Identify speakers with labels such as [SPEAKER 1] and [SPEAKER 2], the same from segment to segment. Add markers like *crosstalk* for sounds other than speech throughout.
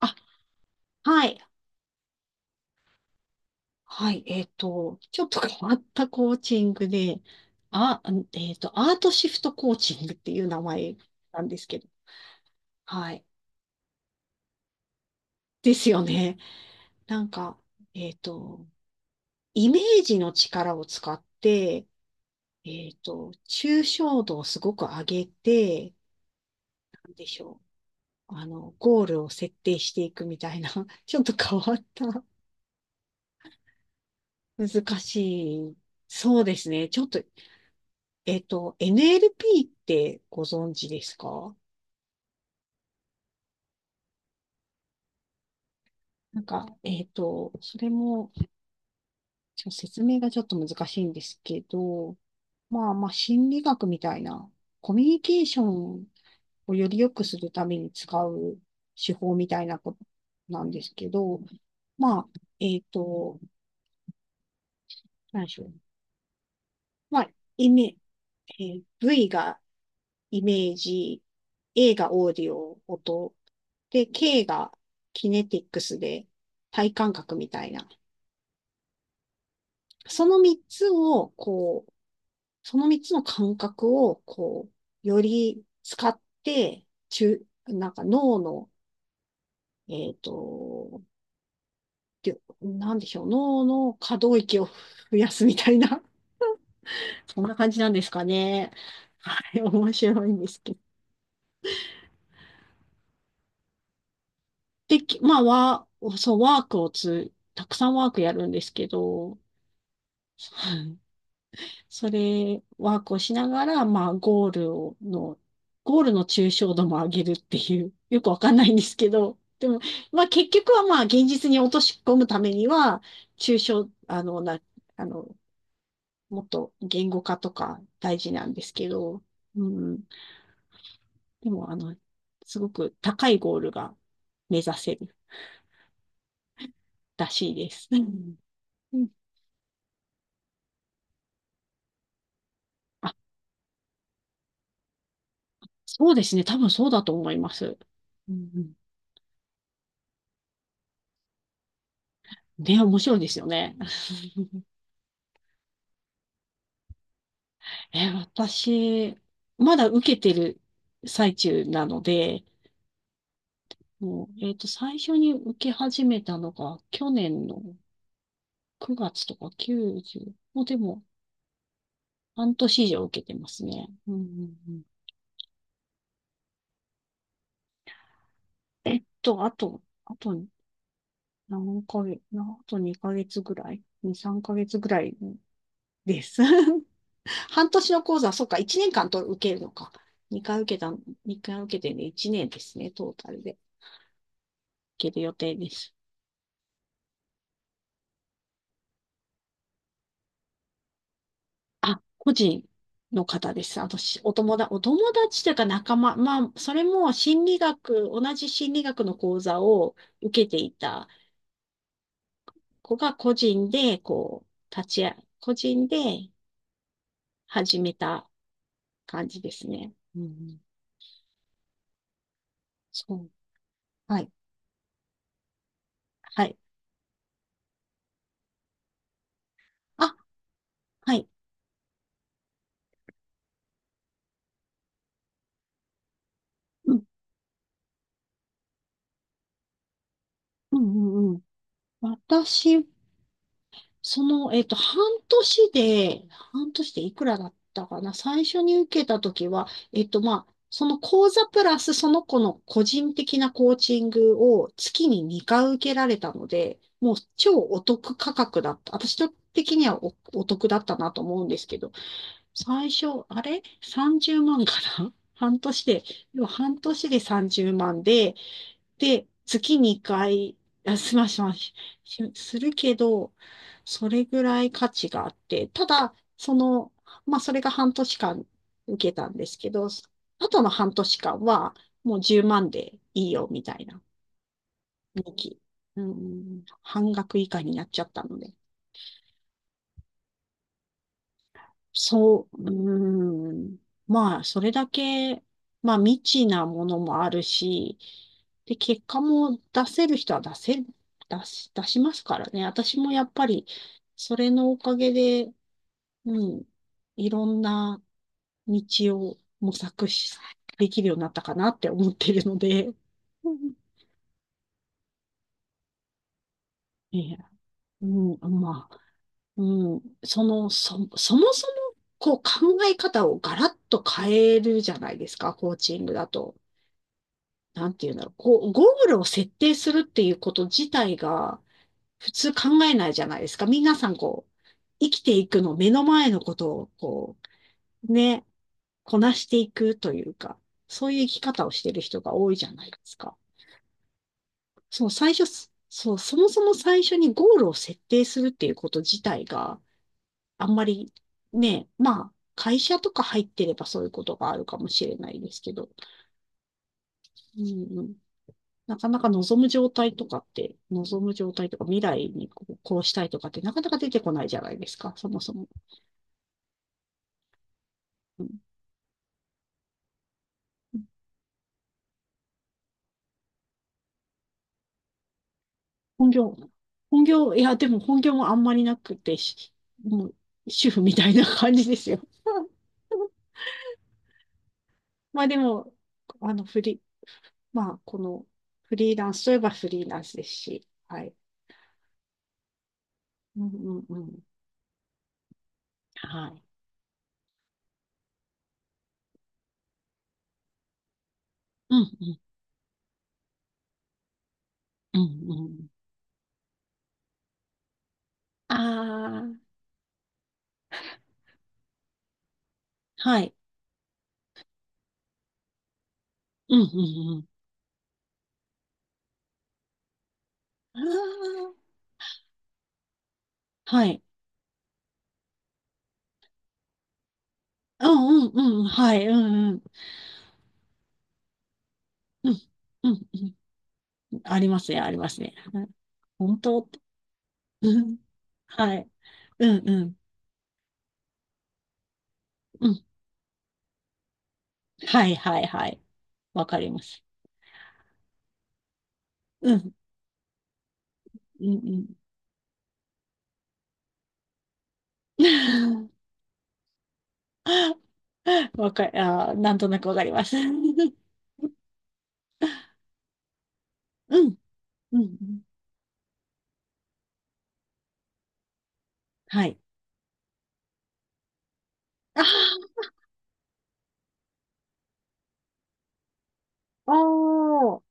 [SPEAKER 1] あ、はい。はい。ちょっと変わったコーチングで、あ、アートシフトコーチングっていう名前なんですけど。はい。ですよね。なんか、えっと、イメージの力を使って、抽象度をすごく上げて、なんでしょう。あの、ゴールを設定していくみたいな、*laughs* ちょっと変わった、難しい。そうですね。ちょっとNLP ってご存知ですか？なんか、それも、ちょっと説明がちょっと難しいんですけど、まあまあ、心理学みたいな、コミュニケーションをより良くするために使う手法みたいなことなんですけど、まあ、えっと、何でしょう。まあ、イメ、V がイメージ、A がオーディオ、音、で、K がキネティックスで体感覚みたいな。その3つを、こう、その3つの感覚を、こう、より使って、なんか脳の、えっと、なんでしょう、脳の可動域を増やすみたいな、*laughs* そんな感じなんですかね。はい、面白いんですけど。まあ、そう、ワークをつ、たくさんワークやるんですけど、はい。それ、ワークをしながら、まあ、ゴールの抽象度も上げるっていう、よくわかんないんですけど、でも、まあ、結局はまあ、現実に落とし込むためには、抽象、あの、な、あの、もっと言語化とか大事なんですけど、うん、でも、あの、すごく高いゴールが目指せるらしいです。うんうん。そうですね。多分そうだと思います。うんうん。ね、面白いですよね。え、私、まだ受けてる最中なので、もう、最初に受け始めたのが、去年の9月とか90、もうでも、半年以上受けてますね。うんうんうん。あと何ヶ月、あと2ヶ月ぐらい？ 2、3ヶ月ぐらいです。*laughs* 半年の講座、そうか、1年間と受けるのか。2回受けた、二回受けてね、1年ですね、トータルで受ける予定です。あ、個人の方です。あとし、お友達というか仲間、まあ、それも心理学、同じ心理学の講座を受けていた子が個人で、こう、立ち会、個人で始めた感じですね。うん、そう。はい。はい。あ、はい。うん、うん、うん、うん。私その、半年でいくらだったかな。最初に受けたときは、まあ、その講座プラスその子の個人的なコーチングを月に2回受けられたので、もう超お得価格だった。私的にはお得だったなと思うんですけど、最初、あれ？ 30 万かな *laughs* 半年で、でも半年で30万で、で、月に2回、あ、ますましませしするけど、それぐらい価値があって、ただ、その、まあ、それが半年間受けたんですけど、あとの半年間は、もう10万でいいよ、みたいな、2期。うん、半額以下になっちゃったので。そう、うーん。まあ、それだけ、まあ、未知なものもあるし、で、結果も出せる人は出せる、出しますからね。私もやっぱり、それのおかげで、うん、いろんな道を模索し、できるようになったかなって思ってるので、うんえ *laughs*、うん、まあ。うん、その、そもそも、こう考え方をガラッと変えるじゃないですか、コーチングだと。なんていうんだろう。こう、ゴールを設定するっていうこと自体が、普通考えないじゃないですか。皆さん、こう、生きていくの、目の前のことを、こう、ね、こなしていくというか、そういう生き方をしてる人が多いじゃないですか。そう、最初、そう、そもそも最初にゴールを設定するっていうこと自体が、あんまりね、まあ、会社とか入ってればそういうことがあるかもしれないですけど、うんうん、なかなか望む状態とかって、望む状態とか未来にこう、こうしたいとかってなかなか出てこないじゃないですか、そもそも。うん、本業、本業、いや、でも本業もあんまりなくて、しもう主婦みたいな感じですよ。*laughs* まあでも、あの、フリー、まあ、このフリーランスといえばフリーランスですし、はい。うんうんうん。はい。うんうん。うんうん。ああ、はい。うんうんうん。ああ、はい。うんうんうん。はい。うんうん。うんうんうん。ありますね、ありますね。はい。本当。うん。はい。うんうん。うん。はいはいはい。わかります。うん。うんうん。*laughs* あー、なんとなくわかります。*laughs* うんうんうん。はい。ああ、おー。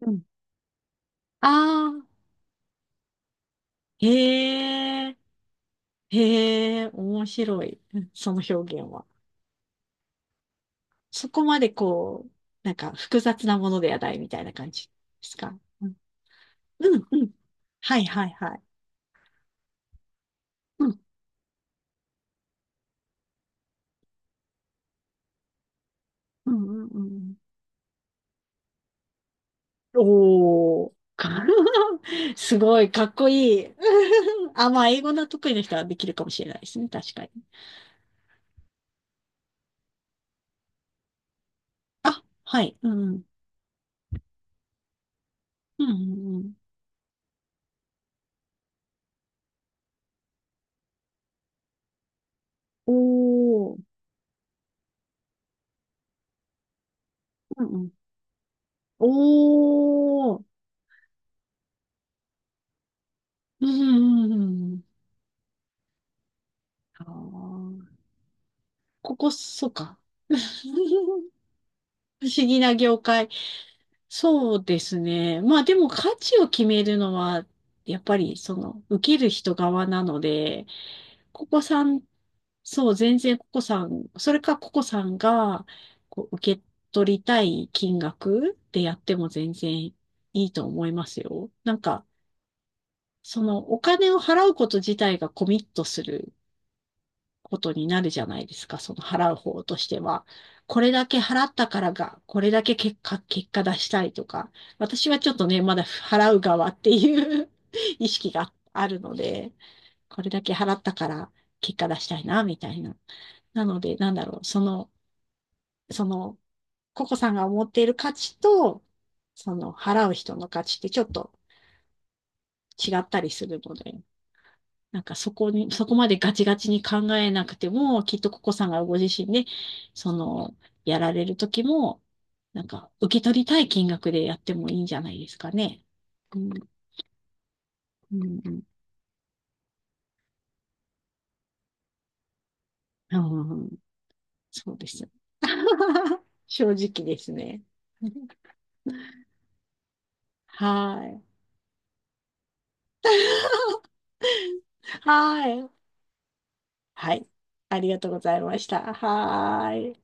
[SPEAKER 1] うん。ああ、へえ。へえ、面白い。*laughs* うん。その表現は、そこまでこう、なんか複雑なものではないみたいな感じですか？うん、うん、うん。はいはいはい。うん、うん、うん、うん。おー。*laughs* すごい、かっこいい。*laughs* あ、まあ、英語の得意な人はできるかもしれないですね。確かに。あ、はい。うん、うん、うん、うん。おー。うんうんおー。うん、うん、うんうん。あーここ、そうか。*laughs* 不思議な業界。そうですね。まあでも価値を決めるのは、やっぱりその、受ける人側なので、ここさん、そう、全然ここさん、それかここさんが、こう、受け取りたい金額でやっても全然いいと思いますよ。なんか、その、お金を払うこと自体がコミットすることになるじゃないですか、その払う方としては。これだけ払ったからが、これだけ結果出したいとか、私はちょっとね、まだ払う側っていう *laughs* 意識があるので、これだけ払ったから結果出したいな、みたいな。なので、なんだろう、その、ココさんが思っている価値と、その、払う人の価値ってちょっと違ったりするので、なんかそこに、そこまでガチガチに考えなくても、きっとココさんがご自身で、その、やられる時も、なんか受け取りたい金額でやってもいいんじゃないですかね。うん、うん、うん、うんうん。そうです。*laughs* 正直ですね。はい。*laughs* はい。はい。ありがとうございました。はい。